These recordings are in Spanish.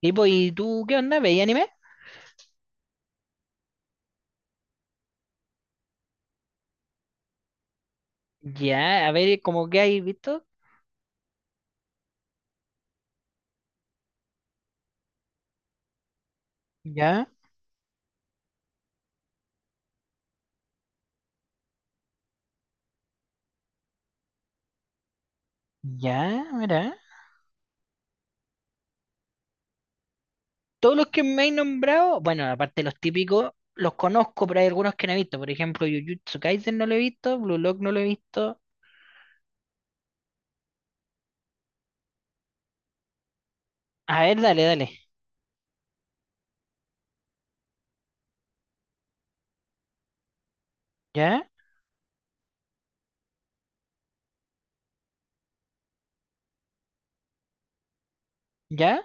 Y pues, ¿y tú qué onda? ¿Veis anime? Ya, a ver, ¿como que hay visto? Ya, ya, mira. Todos los que me he nombrado, bueno, aparte de los típicos, los conozco, pero hay algunos que no he visto. Por ejemplo, Jujutsu Kaisen no lo he visto, Blue Lock no lo he visto. A ver, dale, dale. ¿Ya? ¿Ya?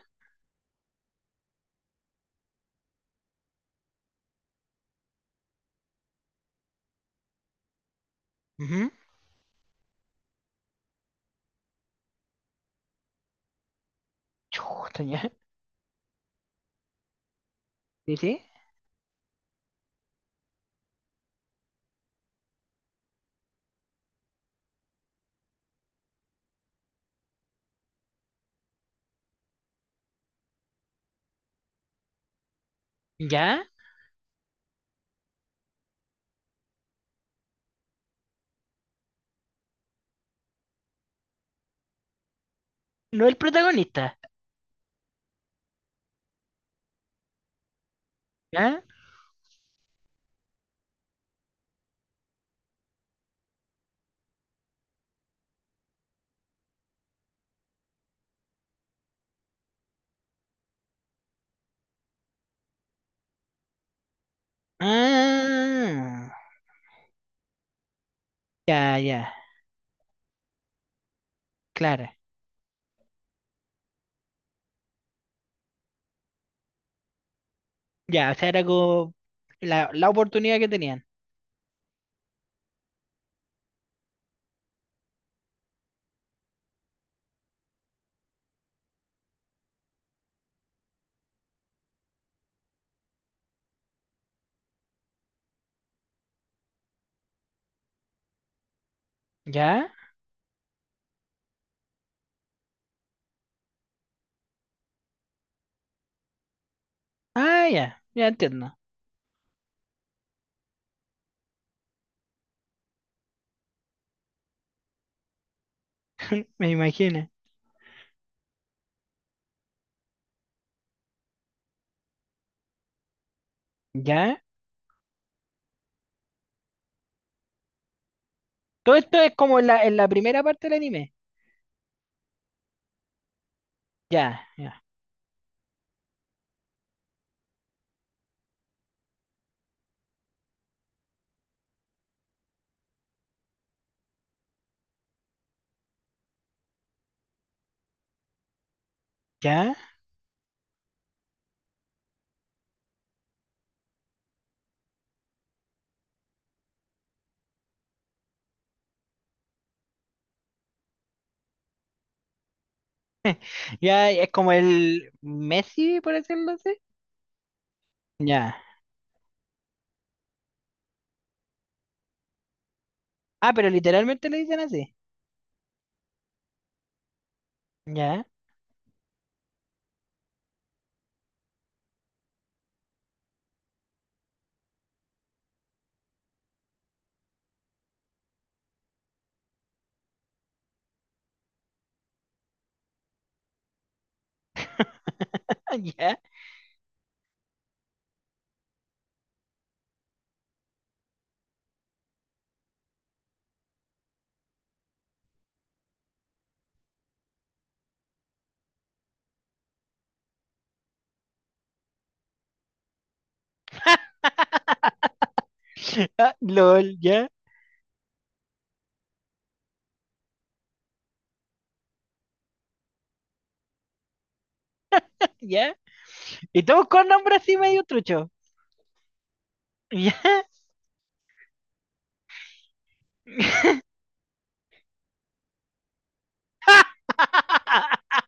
Ujú. Chuta, ya. ¿Sí, sí? ¿Ya? No el protagonista. ¿Ya? Ah, ya, ya, claro. Ya, o sea, era como la oportunidad que tenían. ¿Ya? Ah, ya, ya entiendo. Me imagino. ¿Ya? Todo esto es como en la primera parte del anime. Ya, ya, ya. Ya es como el Messi, por decirlo así. Ya. Ah, pero literalmente le dicen así. Ya, ya. Ah, LOL, ya, ya. Y todos con nombre así medio trucho. Ya.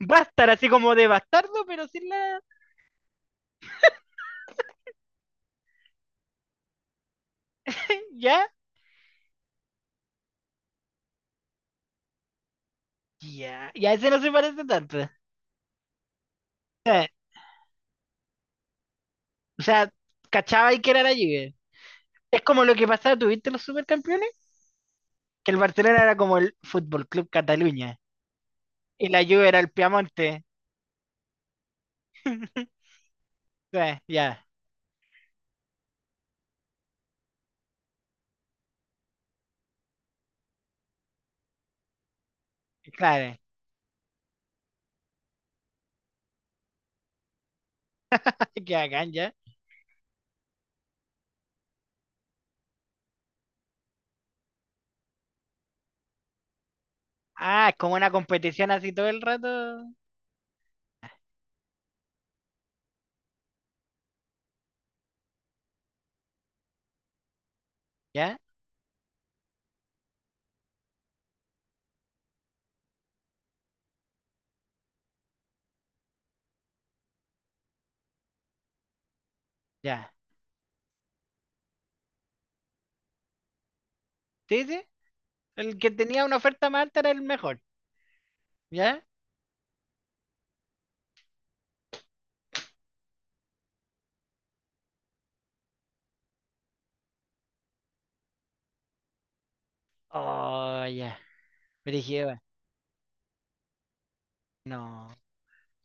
Bastar, así como de bastardo, pero sin la. Ya, ya. Ya ese no se parece tanto. Eh, o sea, cachaba y que era allí. Es como lo que pasaba, ¿tuviste los supercampeones? Que el Barcelona era como el Fútbol Club Cataluña y la Juve era el Piamonte. Ya, ya, claro. Qué bacán, ya. Ah, es como una competición así todo el rato. Ya, ya. Sí, sí. El que tenía una oferta más alta era el mejor. ¿Ya? Oh, ya. Brígido, va. No.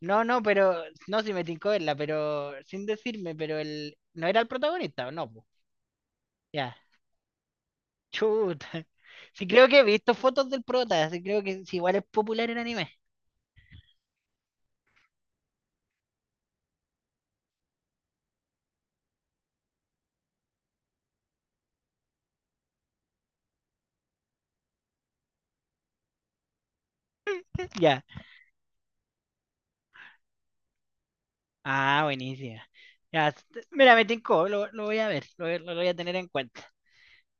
No, no, pero. No, si me tincó verla, pero. Sin decirme, pero él. No era el protagonista, ¿o no, po? Ya. Chuta. Sí, creo que he visto fotos del prota. Sí, creo que sí, igual es popular en anime. Ya. Ah, buenísima. Ya. Mira, me tincó, lo voy a ver, lo voy a tener en cuenta.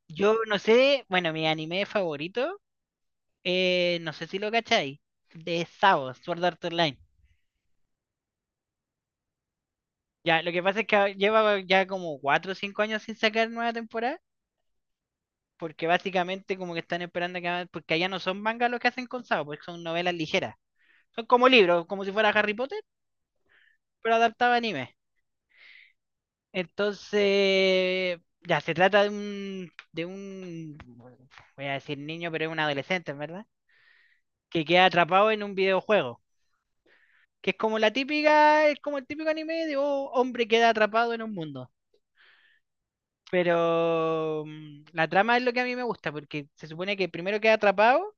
Yo no sé, bueno, mi anime favorito, no sé si lo cacháis, de Sao, Sword Art Online. Ya, lo que pasa es que ahora lleva ya como 4 o 5 años sin sacar nueva temporada, porque básicamente como que están esperando que porque allá no son mangas lo que hacen con Sao, porque son novelas ligeras. Son como libros, como si fuera Harry Potter, pero adaptado a anime. Entonces, ya, se trata de un, voy a decir niño, pero es un adolescente, en ¿verdad? Que queda atrapado en un videojuego, que es como la típica, es como el típico anime de oh, hombre queda atrapado en un mundo. Pero la trama es lo que a mí me gusta, porque se supone que primero queda atrapado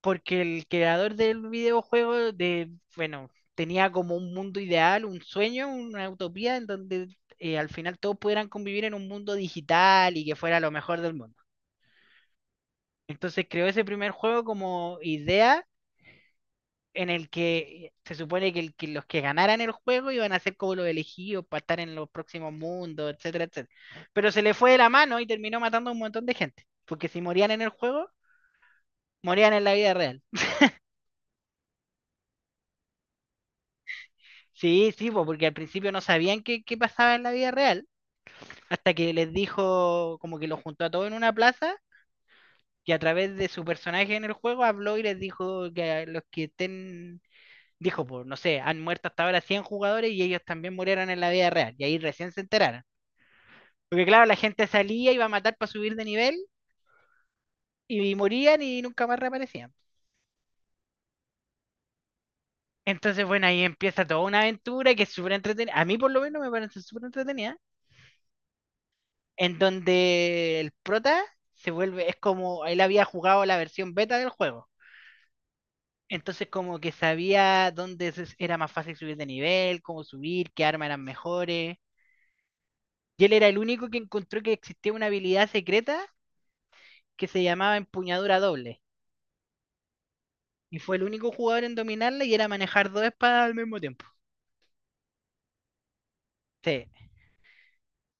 porque el creador del videojuego, bueno, tenía como un mundo ideal, un sueño, una utopía en donde al final todos pudieran convivir en un mundo digital y que fuera lo mejor del mundo. Entonces creó ese primer juego como idea en el que se supone que, que los que ganaran el juego iban a ser como los elegidos para estar en los próximos mundos, etcétera, etcétera. Pero se le fue de la mano y terminó matando a un montón de gente, porque si morían en el juego, morían en la vida real. Sí, sí, po, porque al principio no sabían qué pasaba en la vida real, hasta que les dijo, como que los juntó a todos en una plaza, y a través de su personaje en el juego habló y les dijo que a los que estén, dijo, pues, no sé, han muerto hasta ahora 100 jugadores y ellos también murieron en la vida real, y ahí recién se enteraron. Porque claro, la gente salía, iba a matar para subir de nivel, y morían y nunca más reaparecían. Entonces, bueno, ahí empieza toda una aventura que es súper entretenida. A mí por lo menos me parece súper entretenida. En donde el prota se vuelve, es como, él había jugado la versión beta del juego. Entonces como que sabía dónde era más fácil subir de nivel, cómo subir, qué armas eran mejores. Y él era el único que encontró que existía una habilidad secreta que se llamaba empuñadura doble. Y fue el único jugador en dominarla y era manejar dos espadas al mismo tiempo. Sí.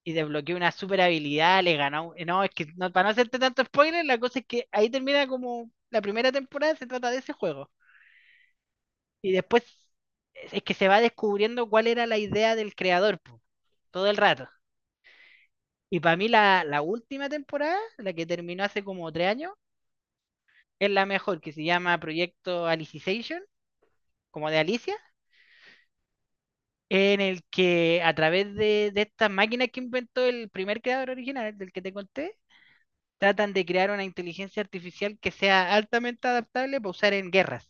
Y desbloqueó una super habilidad, le ganó. No, es que no, para no hacerte tanto spoiler, la cosa es que ahí termina como la primera temporada, se trata de ese juego. Y después es que se va descubriendo cuál era la idea del creador, po, todo el rato. Y para mí la última temporada, la que terminó hace como 3 años, es la mejor, que se llama Proyecto Alicization, como de Alicia, en el que a través de estas máquinas que inventó el primer creador original, del que te conté, tratan de crear una inteligencia artificial que sea altamente adaptable para usar en guerras.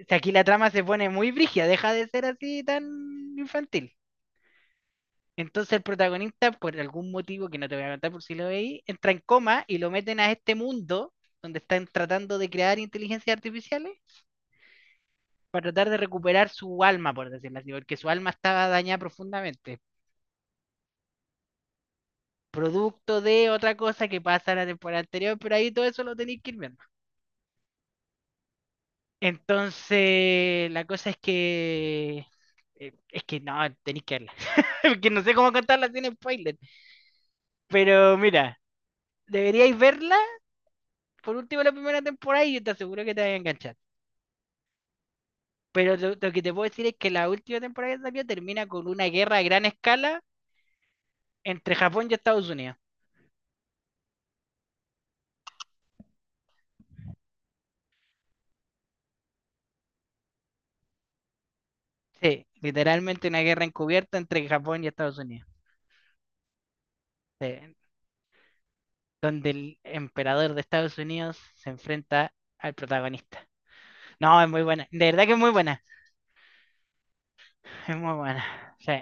O sea, aquí la trama se pone muy brígida, deja de ser así tan infantil. Entonces el protagonista, por algún motivo que no te voy a contar por si lo veis, entra en coma y lo meten a este mundo donde están tratando de crear inteligencias artificiales para tratar de recuperar su alma, por decirlo así, porque su alma estaba dañada profundamente, producto de otra cosa que pasa en la temporada anterior, pero ahí todo eso lo tenéis que ir viendo. Entonces, la cosa es que es que no, tenéis que verla, porque no sé cómo contarla sin spoiler, pero mira, deberíais verla por último la primera temporada y yo te aseguro que te vas a enganchar. Pero lo que te puedo decir es que la última temporada que salió termina con una guerra a gran escala entre Japón y Estados Unidos. Sí, literalmente una guerra encubierta entre Japón y Estados Unidos. Sí, donde el emperador de Estados Unidos se enfrenta al protagonista. No, es muy buena. De verdad que es muy buena. Es muy buena. Sí.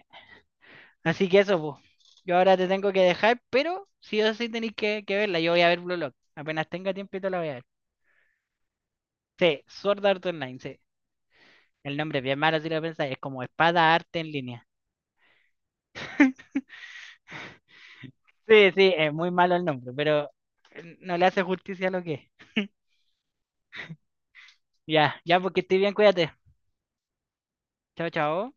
Así que eso, pues. Yo ahora te tengo que dejar, pero sí o sí tenéis que verla. Yo voy a ver Blue Lock. Apenas tenga tiempito la voy a ver. Sí, Sword Art Online, sí. El nombre es bien malo si lo pensáis, es como espada arte en línea. Sí, sí, es muy malo el nombre, pero no le hace justicia a lo que es. Ya, ya, porque estoy bien, cuídate. Chao, chao.